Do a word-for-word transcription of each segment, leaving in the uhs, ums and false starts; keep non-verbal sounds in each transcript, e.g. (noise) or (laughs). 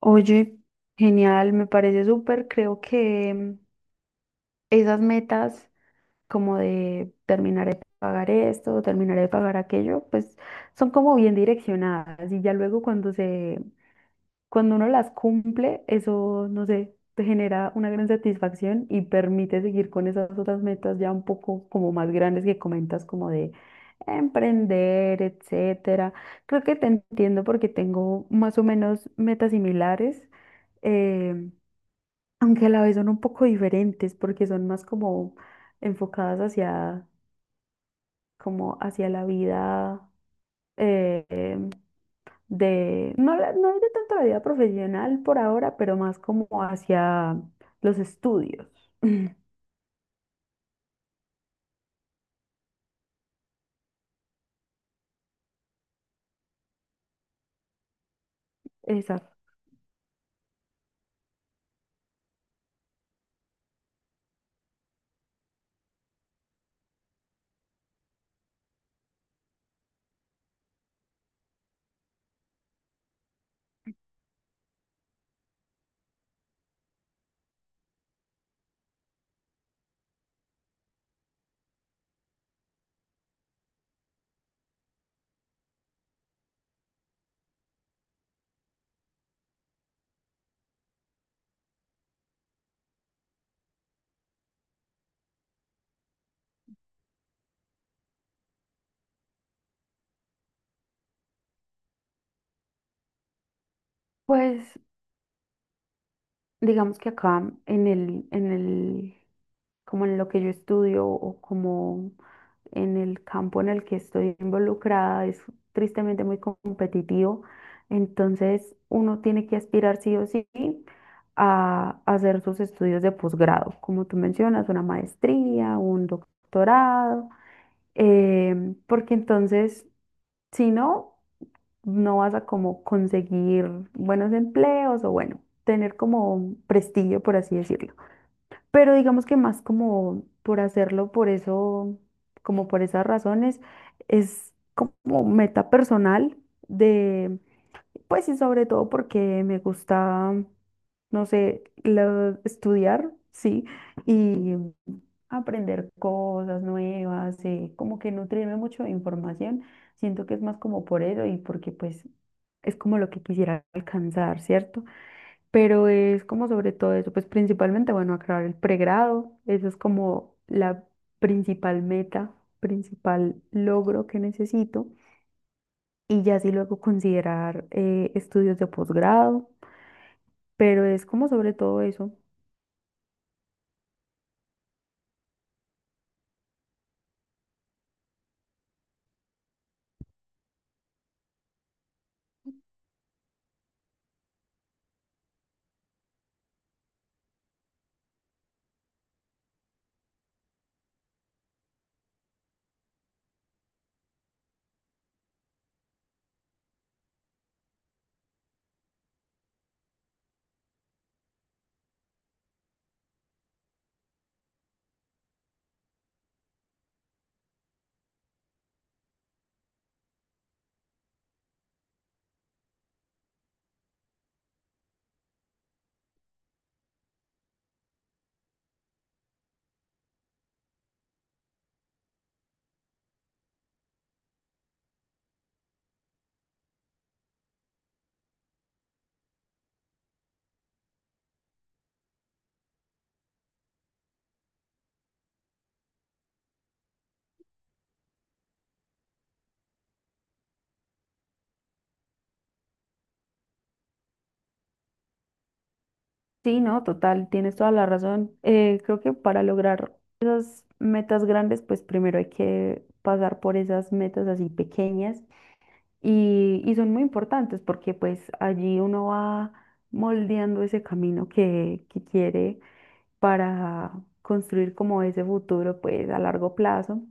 Oye, genial, me parece súper. Creo que mm, esas metas como de terminar de pagar esto, terminar de pagar aquello, pues son como bien direccionadas y ya luego cuando se, cuando uno las cumple, eso, no sé, te genera una gran satisfacción y permite seguir con esas otras metas ya un poco como más grandes que comentas como de emprender, etcétera. Creo que te entiendo porque tengo más o menos metas similares. em, Aunque a la vez son un poco diferentes porque son más como enfocadas hacia, como hacia la vida eh, em, de, no, la- no de tanto la vida profesional por ahora, pero más como hacia los estudios. (clears throat) Exacto. Pues digamos que acá en el, en el como en lo que yo estudio o como en el campo en el que estoy involucrada, es tristemente muy competitivo. Entonces, uno tiene que aspirar sí o sí a hacer sus estudios de posgrado, como tú mencionas, una maestría, un doctorado, em, porque entonces, si no, no vas a como conseguir buenos empleos o bueno, tener como prestigio, por así decirlo. Pero digamos que más como por hacerlo, por eso, como por esas razones, es como meta personal de, pues y sobre todo porque me gusta, no sé, la- estudiar, sí, y aprender cosas nuevas, eh, como que nutrirme mucho de información. Siento que es más como por eso y porque pues es como lo que quisiera alcanzar, ¿cierto? Pero es como sobre todo eso, pues principalmente, bueno, acabar el pregrado, eso es como la principal meta, principal logro que necesito, y ya sí luego considerar eh, estudios de posgrado, pero es como sobre todo eso. Sí, no, total, tienes toda la razón. Eh, creo que para lograr esas metas grandes, pues primero hay que pasar por esas metas así pequeñas. Y, y son muy importantes porque pues allí uno va moldeando ese camino que, que quiere para construir como ese futuro pues a largo plazo.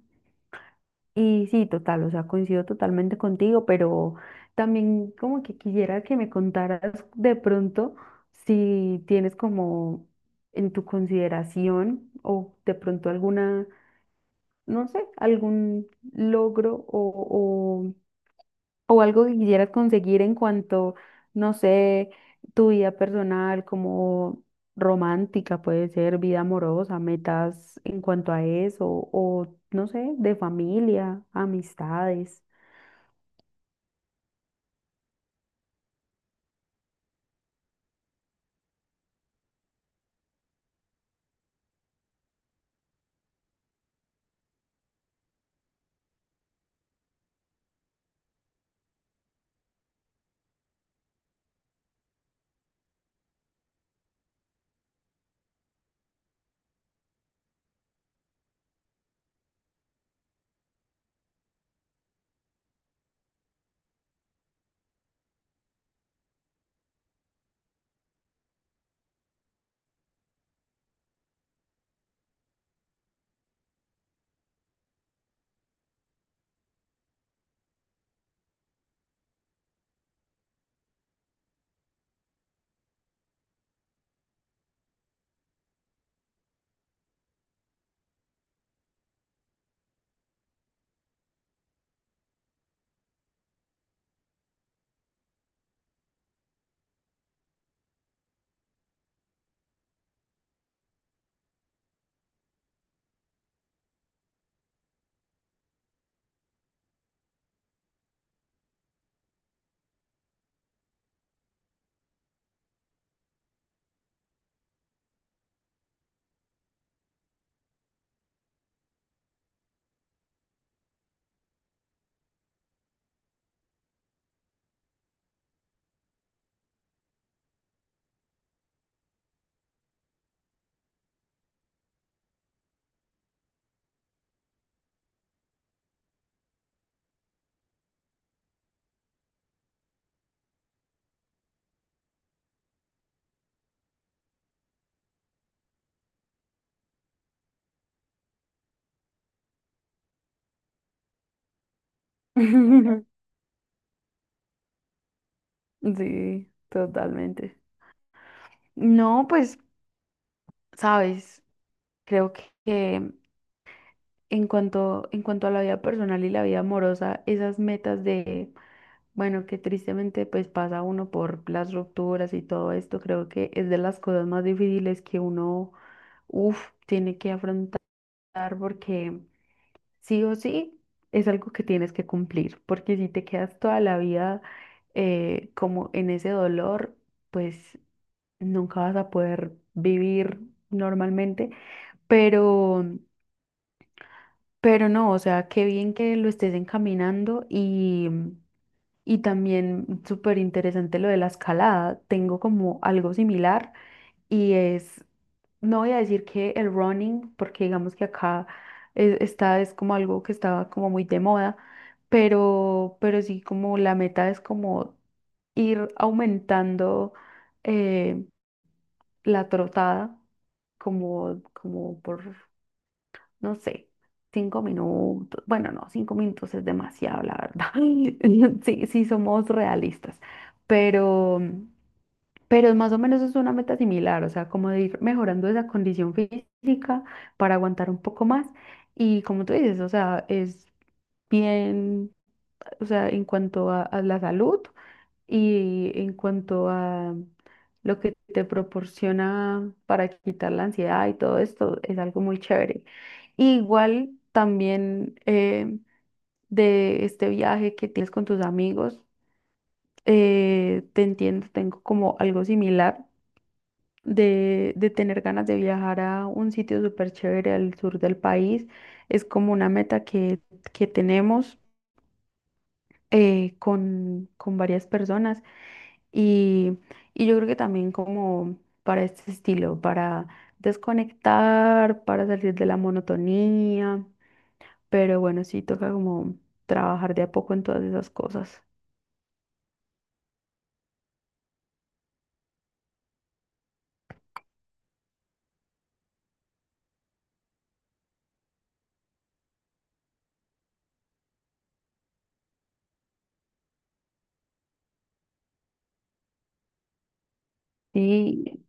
Y sí, total, o sea, coincido totalmente contigo, pero también como que quisiera que me contaras de pronto si tienes como en tu consideración o de pronto alguna, no sé, algún logro o, o algo que quisieras conseguir en cuanto, no sé, tu vida personal, como romántica puede ser, vida amorosa, metas en cuanto a eso, o no sé, de familia, amistades. (laughs) Sí, totalmente. No, pues, sabes, creo que, que en cuanto, en cuanto a la vida personal y la vida amorosa, esas metas de, bueno, que tristemente pues pasa uno por las rupturas y todo esto, creo que es de las cosas más difíciles que uno, uff, tiene que afrontar porque sí o sí es algo que tienes que cumplir, porque si te quedas toda la vida eh, como en ese dolor, pues nunca vas a poder vivir normalmente, pero, pero no, o sea, qué bien que lo estés encaminando y... Y también súper interesante lo de la escalada. Tengo como algo similar y es, no voy a decir que el running, porque digamos que acá es- está, es como algo que estaba como muy de moda, pero, pero sí como la meta es como ir aumentando eh, la trotada como, como por no sé, cinco minutos. Bueno, no, cinco minutos es demasiado, la verdad. (laughs) Sí, sí, somos realistas. Pero, pero más o menos es una meta similar, o sea, como de ir mejorando esa condición física para aguantar un poco más. Y como tú dices, o sea, es bien, o sea, en cuanto a a la salud. Y en cuanto a lo que te proporciona para quitar la ansiedad y todo esto, es algo muy chévere. Igual también eh, de este viaje que tienes con tus amigos, eh, te entiendo, tengo como algo similar de, de tener ganas de viajar a un sitio súper chévere al sur del país. Es como una meta que, que tenemos eh, con, con varias personas. Y, y yo creo que también como para este estilo, para desconectar, para salir de la monotonía, pero bueno, sí toca como trabajar de a poco en todas esas cosas. Sí,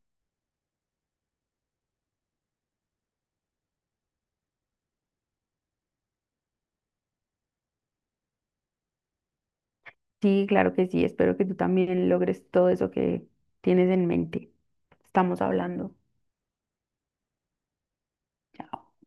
sí, claro que sí, espero que tú también logres todo eso que tienes en mente. Estamos hablando. Chao.